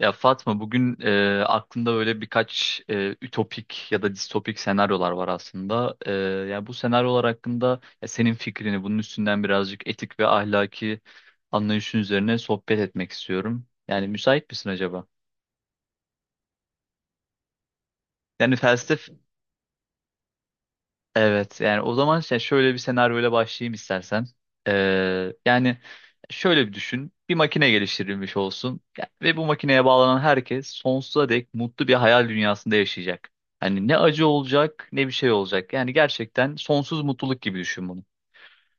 Ya Fatma bugün aklımda böyle birkaç ütopik ya da distopik senaryolar var aslında. Ya bu senaryolar hakkında ya senin fikrini bunun üstünden birazcık etik ve ahlaki anlayışın üzerine sohbet etmek istiyorum. Yani müsait misin acaba? Yani felsef. Evet, yani o zaman şöyle bir senaryoyla başlayayım istersen. Yani şöyle bir düşün. Bir makine geliştirilmiş olsun ve bu makineye bağlanan herkes sonsuza dek mutlu bir hayal dünyasında yaşayacak. Hani ne acı olacak ne bir şey olacak. Yani gerçekten sonsuz mutluluk gibi düşün bunu.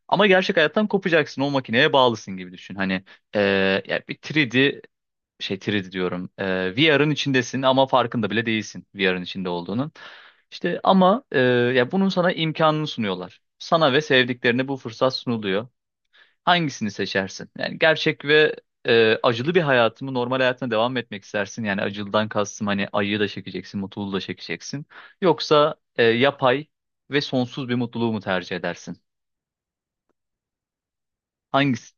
Ama gerçek hayattan kopacaksın, o makineye bağlısın gibi düşün. Hani ee, ya bir 3D, 3D diyorum. VR'ın içindesin ama farkında bile değilsin VR'ın içinde olduğunun. İşte ama ya bunun sana imkanını sunuyorlar. Sana ve sevdiklerine bu fırsat sunuluyor. Hangisini seçersin? Yani gerçek ve acılı bir hayatımı normal hayatına devam etmek istersin. Yani acılıdan kastım hani acıyı da çekeceksin, mutluluğu da çekeceksin. Yoksa yapay ve sonsuz bir mutluluğu mu tercih edersin? Hangisi?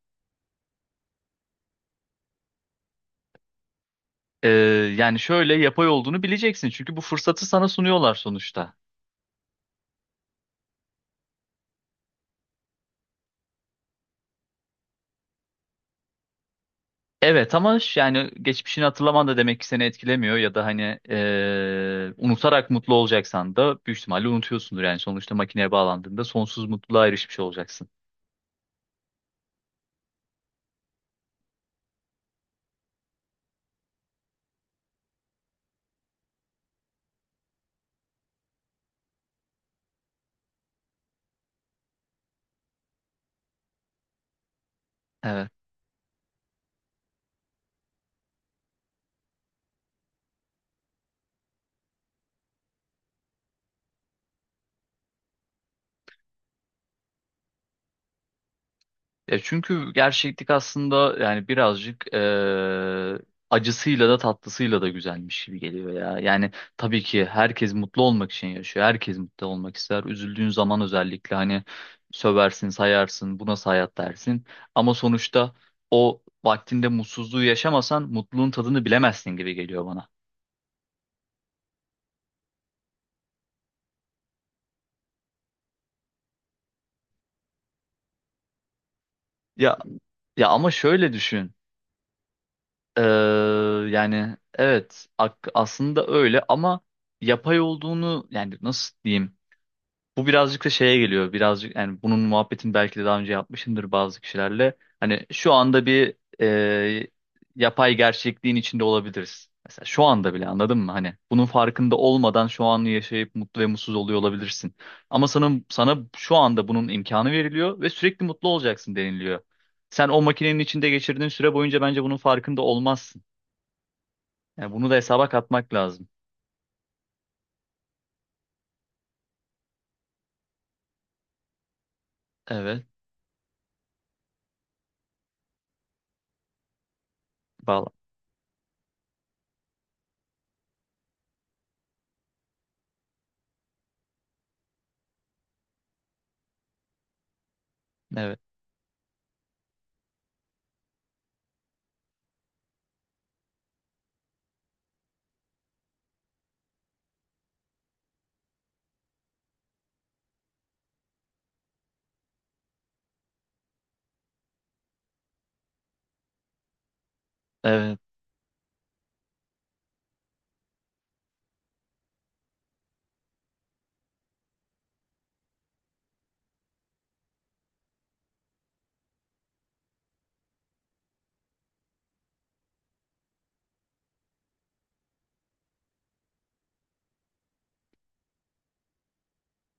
E, Yani şöyle, yapay olduğunu bileceksin çünkü bu fırsatı sana sunuyorlar sonuçta. Evet ama yani geçmişini hatırlaman da demek ki seni etkilemiyor, ya da hani unutarak mutlu olacaksan da büyük ihtimalle unutuyorsundur. Yani sonuçta makineye bağlandığında sonsuz mutluluğa erişmiş olacaksın. Ya çünkü gerçeklik aslında yani birazcık acısıyla da tatlısıyla da güzelmiş gibi geliyor ya. Yani tabii ki herkes mutlu olmak için yaşıyor. Herkes mutlu olmak ister. Üzüldüğün zaman özellikle hani söversin, sayarsın, bu nasıl hayat dersin. Ama sonuçta o vaktinde mutsuzluğu yaşamasan mutluluğun tadını bilemezsin gibi geliyor bana. Ya ya ama şöyle düşün. Eee, Yani evet, aslında öyle ama yapay olduğunu, yani nasıl diyeyim? Bu birazcık da şeye geliyor. Birazcık yani bunun muhabbetini belki de daha önce yapmışımdır bazı kişilerle. Hani şu anda bir e, yapay gerçekliğin içinde olabiliriz. Mesela şu anda bile, anladın mı? Hani bunun farkında olmadan şu anı yaşayıp mutlu ve mutsuz oluyor olabilirsin. Ama sana şu anda bunun imkanı veriliyor ve sürekli mutlu olacaksın deniliyor. Sen o makinenin içinde geçirdiğin süre boyunca bence bunun farkında olmazsın. Yani bunu da hesaba katmak lazım. Evet. Vallahi. Evet. Evet.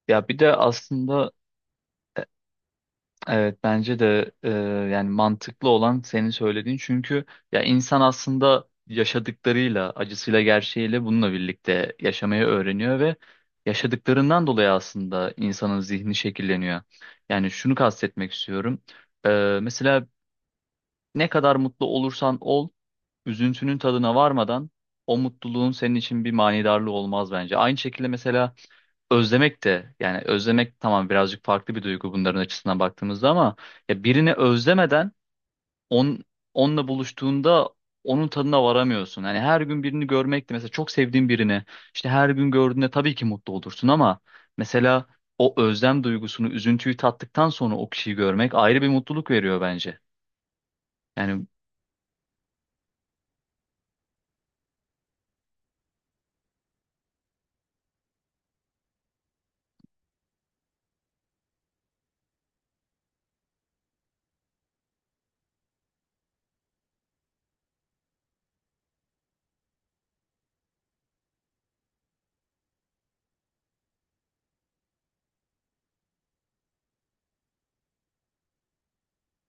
Ya bir de aslında evet, bence de yani mantıklı olan senin söylediğin, çünkü ya insan aslında yaşadıklarıyla, acısıyla, gerçeğiyle bununla birlikte yaşamayı öğreniyor ve yaşadıklarından dolayı aslında insanın zihni şekilleniyor. Yani şunu kastetmek istiyorum. Mesela ne kadar mutlu olursan ol, üzüntünün tadına varmadan o mutluluğun senin için bir manidarlığı olmaz bence. Aynı şekilde mesela özlemek de, yani özlemek tamam birazcık farklı bir duygu bunların açısından baktığımızda, ama ya birini özlemeden, on, onunla buluştuğunda onun tadına varamıyorsun. Hani her gün birini görmek de, mesela çok sevdiğin birini işte her gün gördüğünde tabii ki mutlu olursun ama mesela o özlem duygusunu, üzüntüyü tattıktan sonra o kişiyi görmek ayrı bir mutluluk veriyor bence. Yani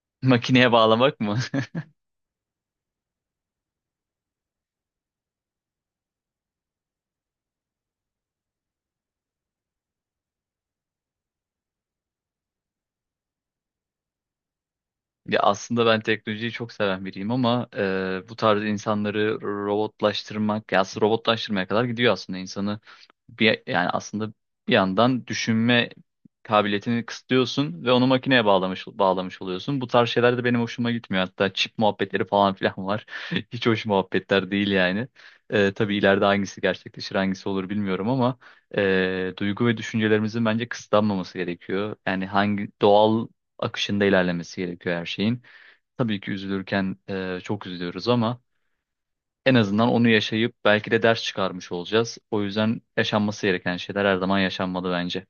makineye bağlamak mı? Ya aslında ben teknolojiyi çok seven biriyim ama bu tarz insanları robotlaştırmak, ya aslında robotlaştırmaya kadar gidiyor aslında insanı. Bir, yani aslında bir yandan düşünme kabiliyetini kısıtlıyorsun ve onu makineye bağlamış oluyorsun. Bu tarz şeyler de benim hoşuma gitmiyor. Hatta çip muhabbetleri falan filan var. Hiç hoş muhabbetler değil yani. Tabii ileride hangisi gerçekleşir, hangisi olur bilmiyorum ama duygu ve düşüncelerimizin bence kısıtlanmaması gerekiyor. Yani hangi doğal akışında ilerlemesi gerekiyor her şeyin. Tabii ki üzülürken çok üzülüyoruz ama en azından onu yaşayıp belki de ders çıkarmış olacağız. O yüzden yaşanması gereken şeyler her zaman yaşanmalı bence.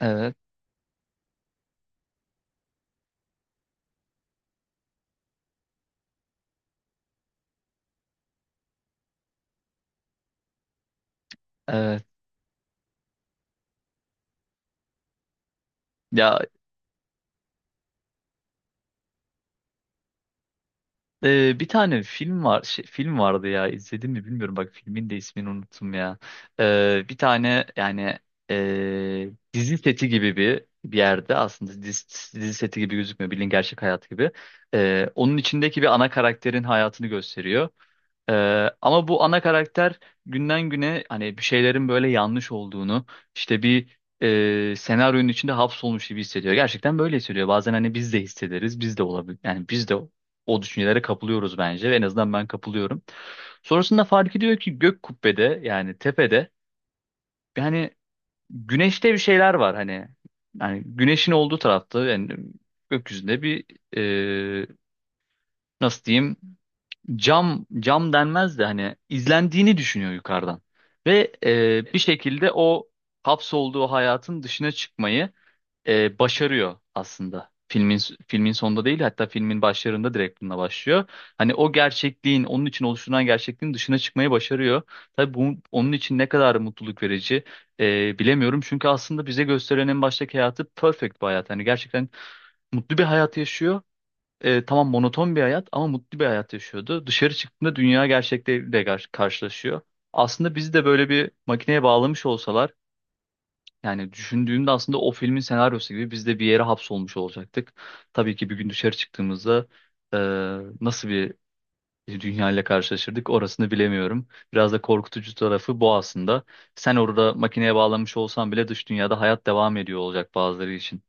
Evet, evet. Ya, bir tane film var şey, film vardı ya, izledim mi bilmiyorum bak, filmin de ismini unuttum ya. Bir tane yani dizi seti gibi bir yerde, aslında dizi seti gibi gözükmüyor, bildiğin gerçek hayat gibi. Onun içindeki bir ana karakterin hayatını gösteriyor. Ama bu ana karakter günden güne hani bir şeylerin böyle yanlış olduğunu, işte bir senaryonun içinde hapsolmuş gibi hissediyor. Gerçekten böyle hissediyor. Bazen hani biz de hissederiz. Biz de olabilir. Yani biz de o düşüncelere kapılıyoruz bence. En azından ben kapılıyorum. Sonrasında fark ediyor ki gök kubbede, yani tepede, yani güneşte bir şeyler var hani. Yani güneşin olduğu tarafta, yani gökyüzünde bir e, nasıl diyeyim, cam denmez de hani, izlendiğini düşünüyor yukarıdan. Ve bir şekilde o hapsolduğu hayatın dışına çıkmayı başarıyor aslında. Filmin sonunda değil, hatta filmin başlarında direkt bununla başlıyor. Hani o gerçekliğin, onun için oluşturulan gerçekliğin dışına çıkmayı başarıyor. Tabii bu onun için ne kadar mutluluk verici bilemiyorum. Çünkü aslında bize gösterilen en baştaki hayatı perfect bir hayat. Hani gerçekten mutlu bir hayat yaşıyor, tamam monoton bir hayat ama mutlu bir hayat yaşıyordu. Dışarı çıktığında dünya gerçekleriyle karşılaşıyor. Aslında bizi de böyle bir makineye bağlamış olsalar, yani düşündüğümde aslında o filmin senaryosu gibi biz de bir yere hapsolmuş olacaktık. Tabii ki bir gün dışarı çıktığımızda e, nasıl bir dünya ile karşılaşırdık orasını bilemiyorum. Biraz da korkutucu tarafı bu aslında. Sen orada makineye bağlanmış olsan bile dış dünyada hayat devam ediyor olacak bazıları için.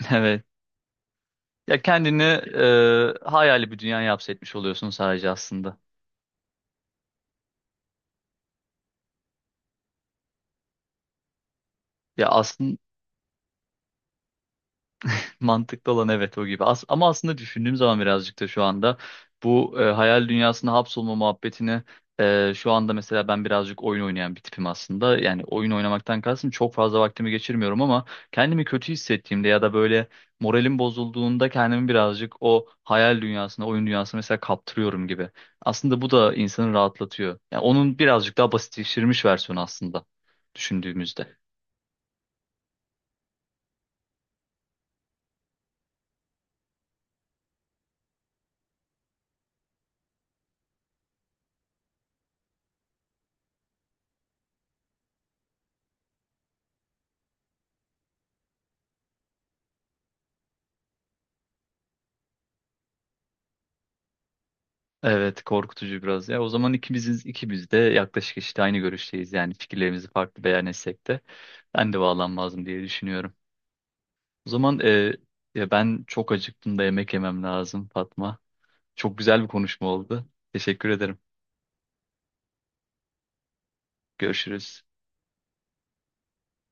Evet. Ya kendini hayali bir dünya hapsetmiş oluyorsun sadece aslında. Ya aslında mantıklı olan evet o gibi. Ama aslında düşündüğüm zaman birazcık da, şu anda bu hayal dünyasına hapsolma muhabbetini, şu anda mesela ben birazcık oyun oynayan bir tipim aslında. Yani oyun oynamaktan kastım, çok fazla vaktimi geçirmiyorum ama kendimi kötü hissettiğimde ya da böyle moralim bozulduğunda kendimi birazcık o hayal dünyasına, oyun dünyasına mesela kaptırıyorum gibi. Aslında bu da insanı rahatlatıyor. Yani onun birazcık daha basitleştirilmiş versiyonu aslında, düşündüğümüzde. Evet, korkutucu biraz ya. O zaman ikimiz de yaklaşık işte aynı görüşteyiz. Yani fikirlerimizi farklı beyan etsek de ben de bağlanmazdım diye düşünüyorum. O zaman ya ben çok acıktım da yemek yemem lazım Fatma. Çok güzel bir konuşma oldu. Teşekkür ederim. Görüşürüz.